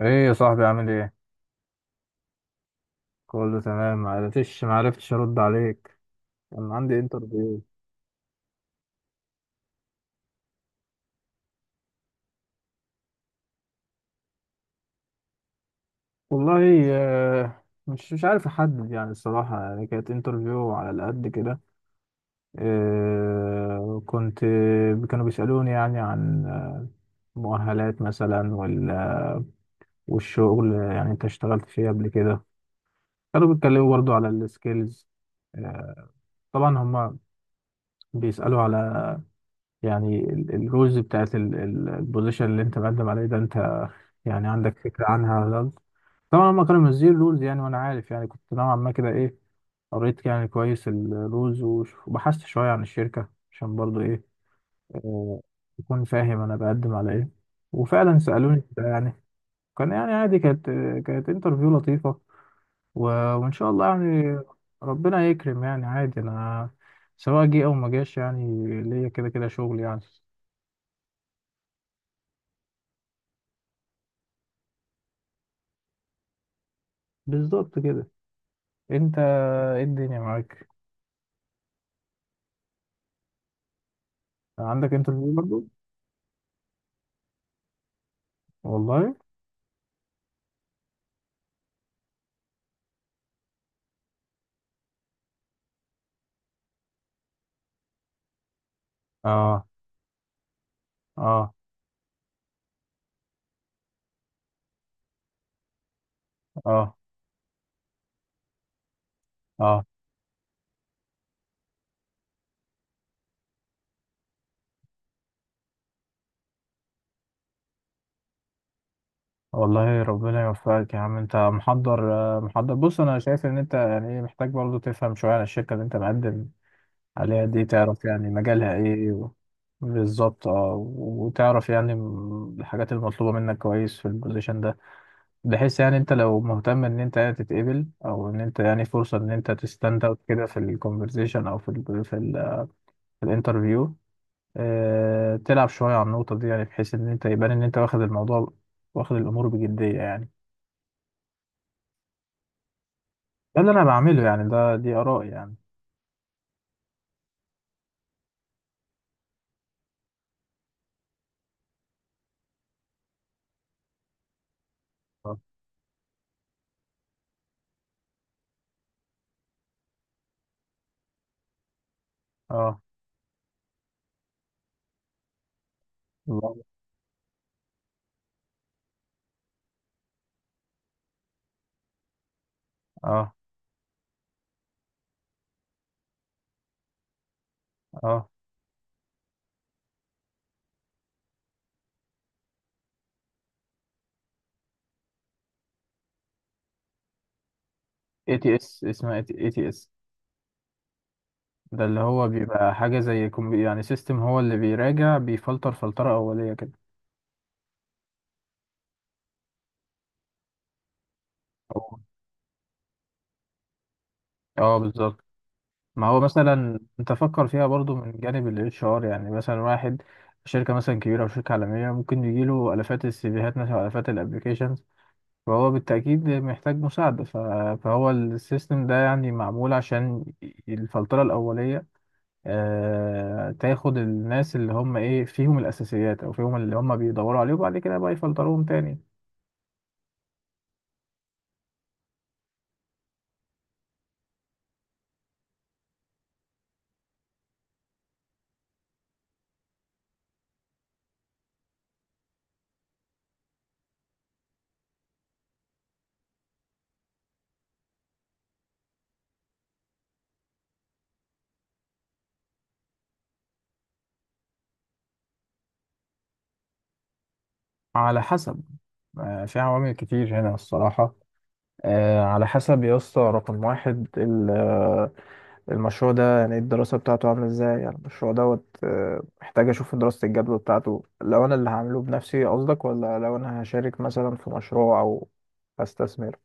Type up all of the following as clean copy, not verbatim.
ايه يا صاحبي، عامل ايه؟ كله تمام. معرفتش ارد عليك. كان عندي انترفيو. والله مش عارف احدد، يعني الصراحه يعني كانت انترفيو على قد كده. كنت كانوا بيسالوني يعني عن مؤهلات مثلا والشغل، يعني انت اشتغلت فيه قبل كده. كانوا بيتكلموا برضو على السكيلز. طبعا هما بيسالوا على، يعني الرولز بتاعت البوزيشن اللي انت مقدم عليه ده، انت يعني عندك فكرة عنها ولا لأ؟ طبعا هما كانوا منزلين رولز، يعني وانا عارف يعني كنت نوعا ما كده ايه، قريت يعني كويس الرولز، وبحثت شوية عن الشركة، عشان برضو ايه آه، اكون فاهم انا بقدم على ايه. وفعلا سألوني كده يعني. كان يعني عادي، كانت انترفيو لطيفة. و- وان شاء الله، يعني ربنا يكرم، يعني عادي انا سواء جه او ما جاش، يعني ليا كده كده شغل يعني. بالظبط كده. انت، ايه الدنيا معاك؟ عندك انترفيو برضه؟ والله. اه، اه. اه، اه. والله ربنا يوفقك يا عم، انت محضر محضر. بص، انا شايف ان انت يعني ايه، محتاج برضه تفهم شويه عن الشركه اللي انت مقدم عليها دي، تعرف يعني مجالها ايه. بالظبط. اه، وتعرف يعني الحاجات المطلوبه منك كويس في البوزيشن ده، بحيث يعني انت لو مهتم ان انت يعني تتقبل، او ان انت يعني فرصه ان انت تستند اوت كده في الكونفرزيشن، او في الانترفيو. تلعب شوية على النقطة دي، يعني بحيث إن أنت يبان إن أنت واخد الموضوع، واخد الأمور بجدية يعني. ده اللي أنا بعمله يعني، ده دي آراء يعني. اه. اه. الله. اه. اه. ATS، اسمها ATS. ده اللي هو بيبقى حاجة زي يعني سيستم، هو اللي بيراجع، بيفلتر فلترة أولية كده. أو- اه، بالظبط. ما هو مثلا انت فكر فيها برضو من جانب الاتش ار، يعني مثلا واحد شركة مثلا كبيرة أو شركة عالمية ممكن يجيله آلافات السيفيهات مثلا، أو آلافات الابلكيشنز، فهو بالتأكيد محتاج مساعدة. فهو السيستم ده يعني معمول عشان الفلترة الأولية. تاخد الناس اللي هم إيه، فيهم الأساسيات أو فيهم اللي هم بيدوروا عليه، وبعد كده بقى يفلتروهم تاني. على حسب. في عوامل كتير هنا الصراحة. على حسب يا اسطى. رقم واحد، المشروع ده يعني الدراسة بتاعته عاملة ازاي، يعني المشروع دوت محتاج اشوف دراسة الجدوى بتاعته، لو انا اللي هعمله بنفسي قصدك، ولا لو انا هشارك مثلا في مشروع او هستثمر.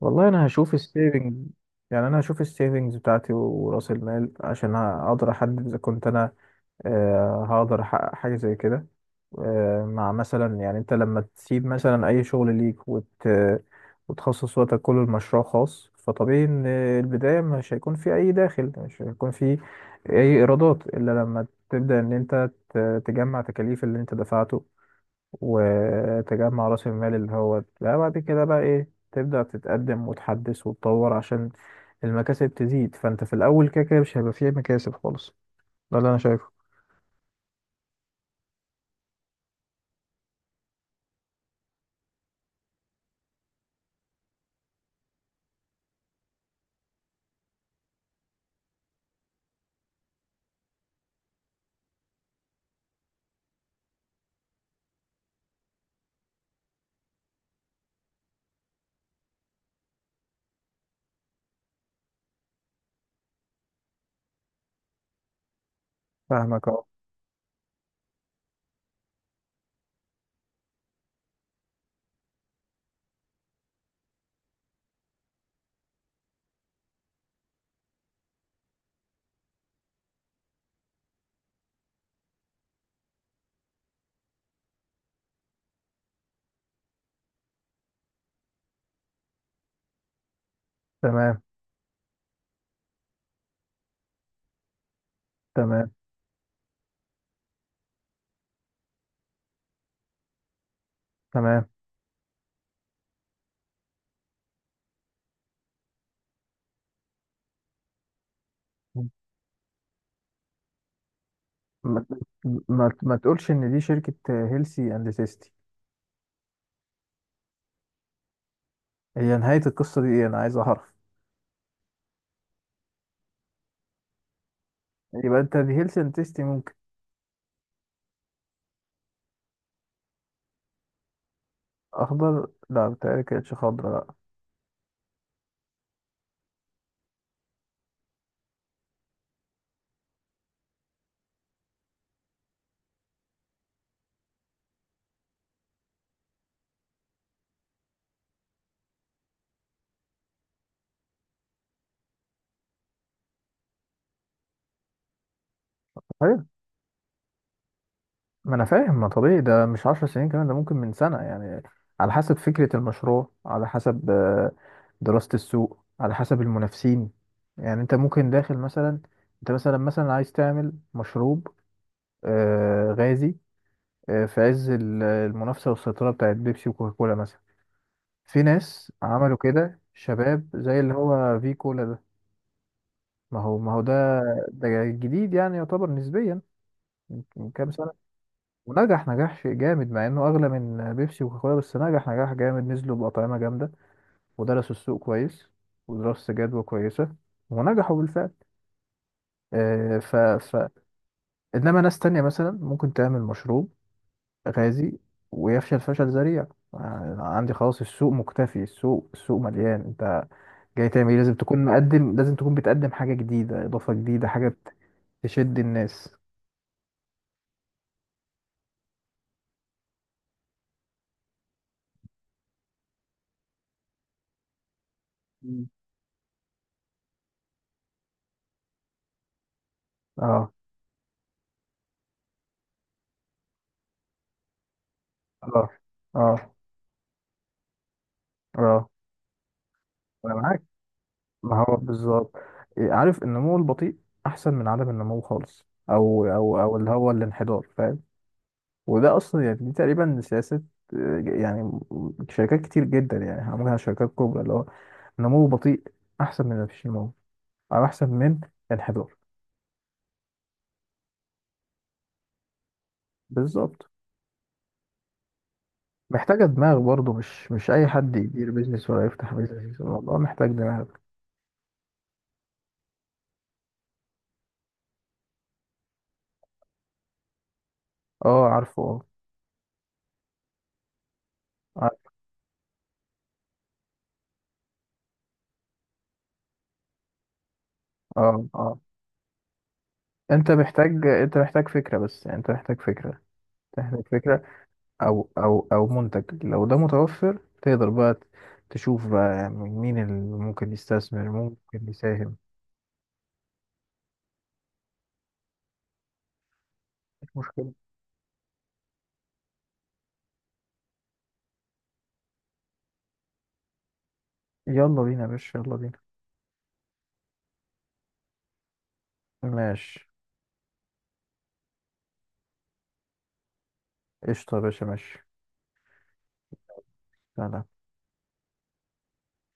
والله انا هشوف السيفنج، يعني انا هشوف السيفنجز بتاعتي وراس المال، عشان اقدر احدد اذا كنت انا هقدر احقق حاجة زي كده. مع مثلا، يعني انت لما تسيب مثلا اي شغل ليك، وتخصص وقتك كله لمشروع خاص، فطبيعي ان البداية مش هيكون في اي داخل، مش هيكون في اي ايرادات الا لما تبدأ ان انت تجمع تكاليف اللي انت دفعته، وتجمع راس المال، اللي هو لا، بعد كده بقى ايه تبدأ تتقدم وتحدث وتطور عشان المكاسب تزيد. فانت في الاول كده كده مش هيبقى فيه مكاسب خالص، ده اللي انا شايفه. فاهمك أه. تمام. تمام. تمام. ما, ما تقولش ان دي شركة هيلسي اند تيستي؟ هي نهاية القصة دي ايه؟ انا عايز اعرف. يبقى انت دي هيلسي اند تيستي، ممكن. اخضر؟ لا، بتهيألي كانتش خضرا. لا. طيب. ما انا فاهم، ما طبيعي، ده مش 10 سنين كمان، ده ممكن من سنة يعني، على حسب فكرة المشروع، على حسب دراسة السوق، على حسب المنافسين. يعني انت ممكن داخل مثلا، انت مثلا عايز تعمل مشروب غازي، في عز المنافسة والسيطرة بتاعت بيبسي وكوكاكولا مثلا. في ناس عملوا كده شباب، زي اللي هو في كولا ده. ما هو ده، ده جديد يعني يعتبر نسبيا من كام سنة، ونجح نجاح شيء جامد مع انه اغلى من بيبسي وكوكاكولا، بس نجح نجاح جامد، نزلوا بأطعمة جامدة، ودرسوا السوق كويس، ودراسة جدوى كويسة، ونجحوا بالفعل. ف ف انما ناس تانية مثلا ممكن تعمل مشروب غازي ويفشل فشل ذريع. عندي خلاص، السوق مكتفي، السوق مليان. انت جاي تعمل ايه؟ لازم تكون مقدم، لازم تكون بتقدم حاجة جديدة، إضافة جديدة، حاجة تشد الناس. مم. اه. اه. اه. اه. انا معاك، ما هو بالظبط. إيه، عارف النمو البطيء احسن من عدم النمو خالص، او اللي هو الانحدار، فاهم. وده اصلا يعني دي تقريبا سياسه، يعني شركات كتير جدا يعني عملها شركات كبرى، اللي هو نمو بطيء احسن من مفيش نمو، او احسن من انحدار. بالظبط. محتاجه دماغ برضه، مش اي حد يدير بيزنس ولا يفتح بيزنس، الموضوع محتاج دماغ. اه. عارفه. اه. عارف- اه. اه. انت محتاج فكره، بس يعني انت محتاج فكره، محتاج فكره، او منتج. لو ده متوفر تقدر بقى تشوف، بقى يعني مين اللي ممكن يستثمر، ممكن يساهم. مشكلة. يلا بينا يا باشا، يلا بينا. ماشي. قشطة يا باشا، ماشي. سلام.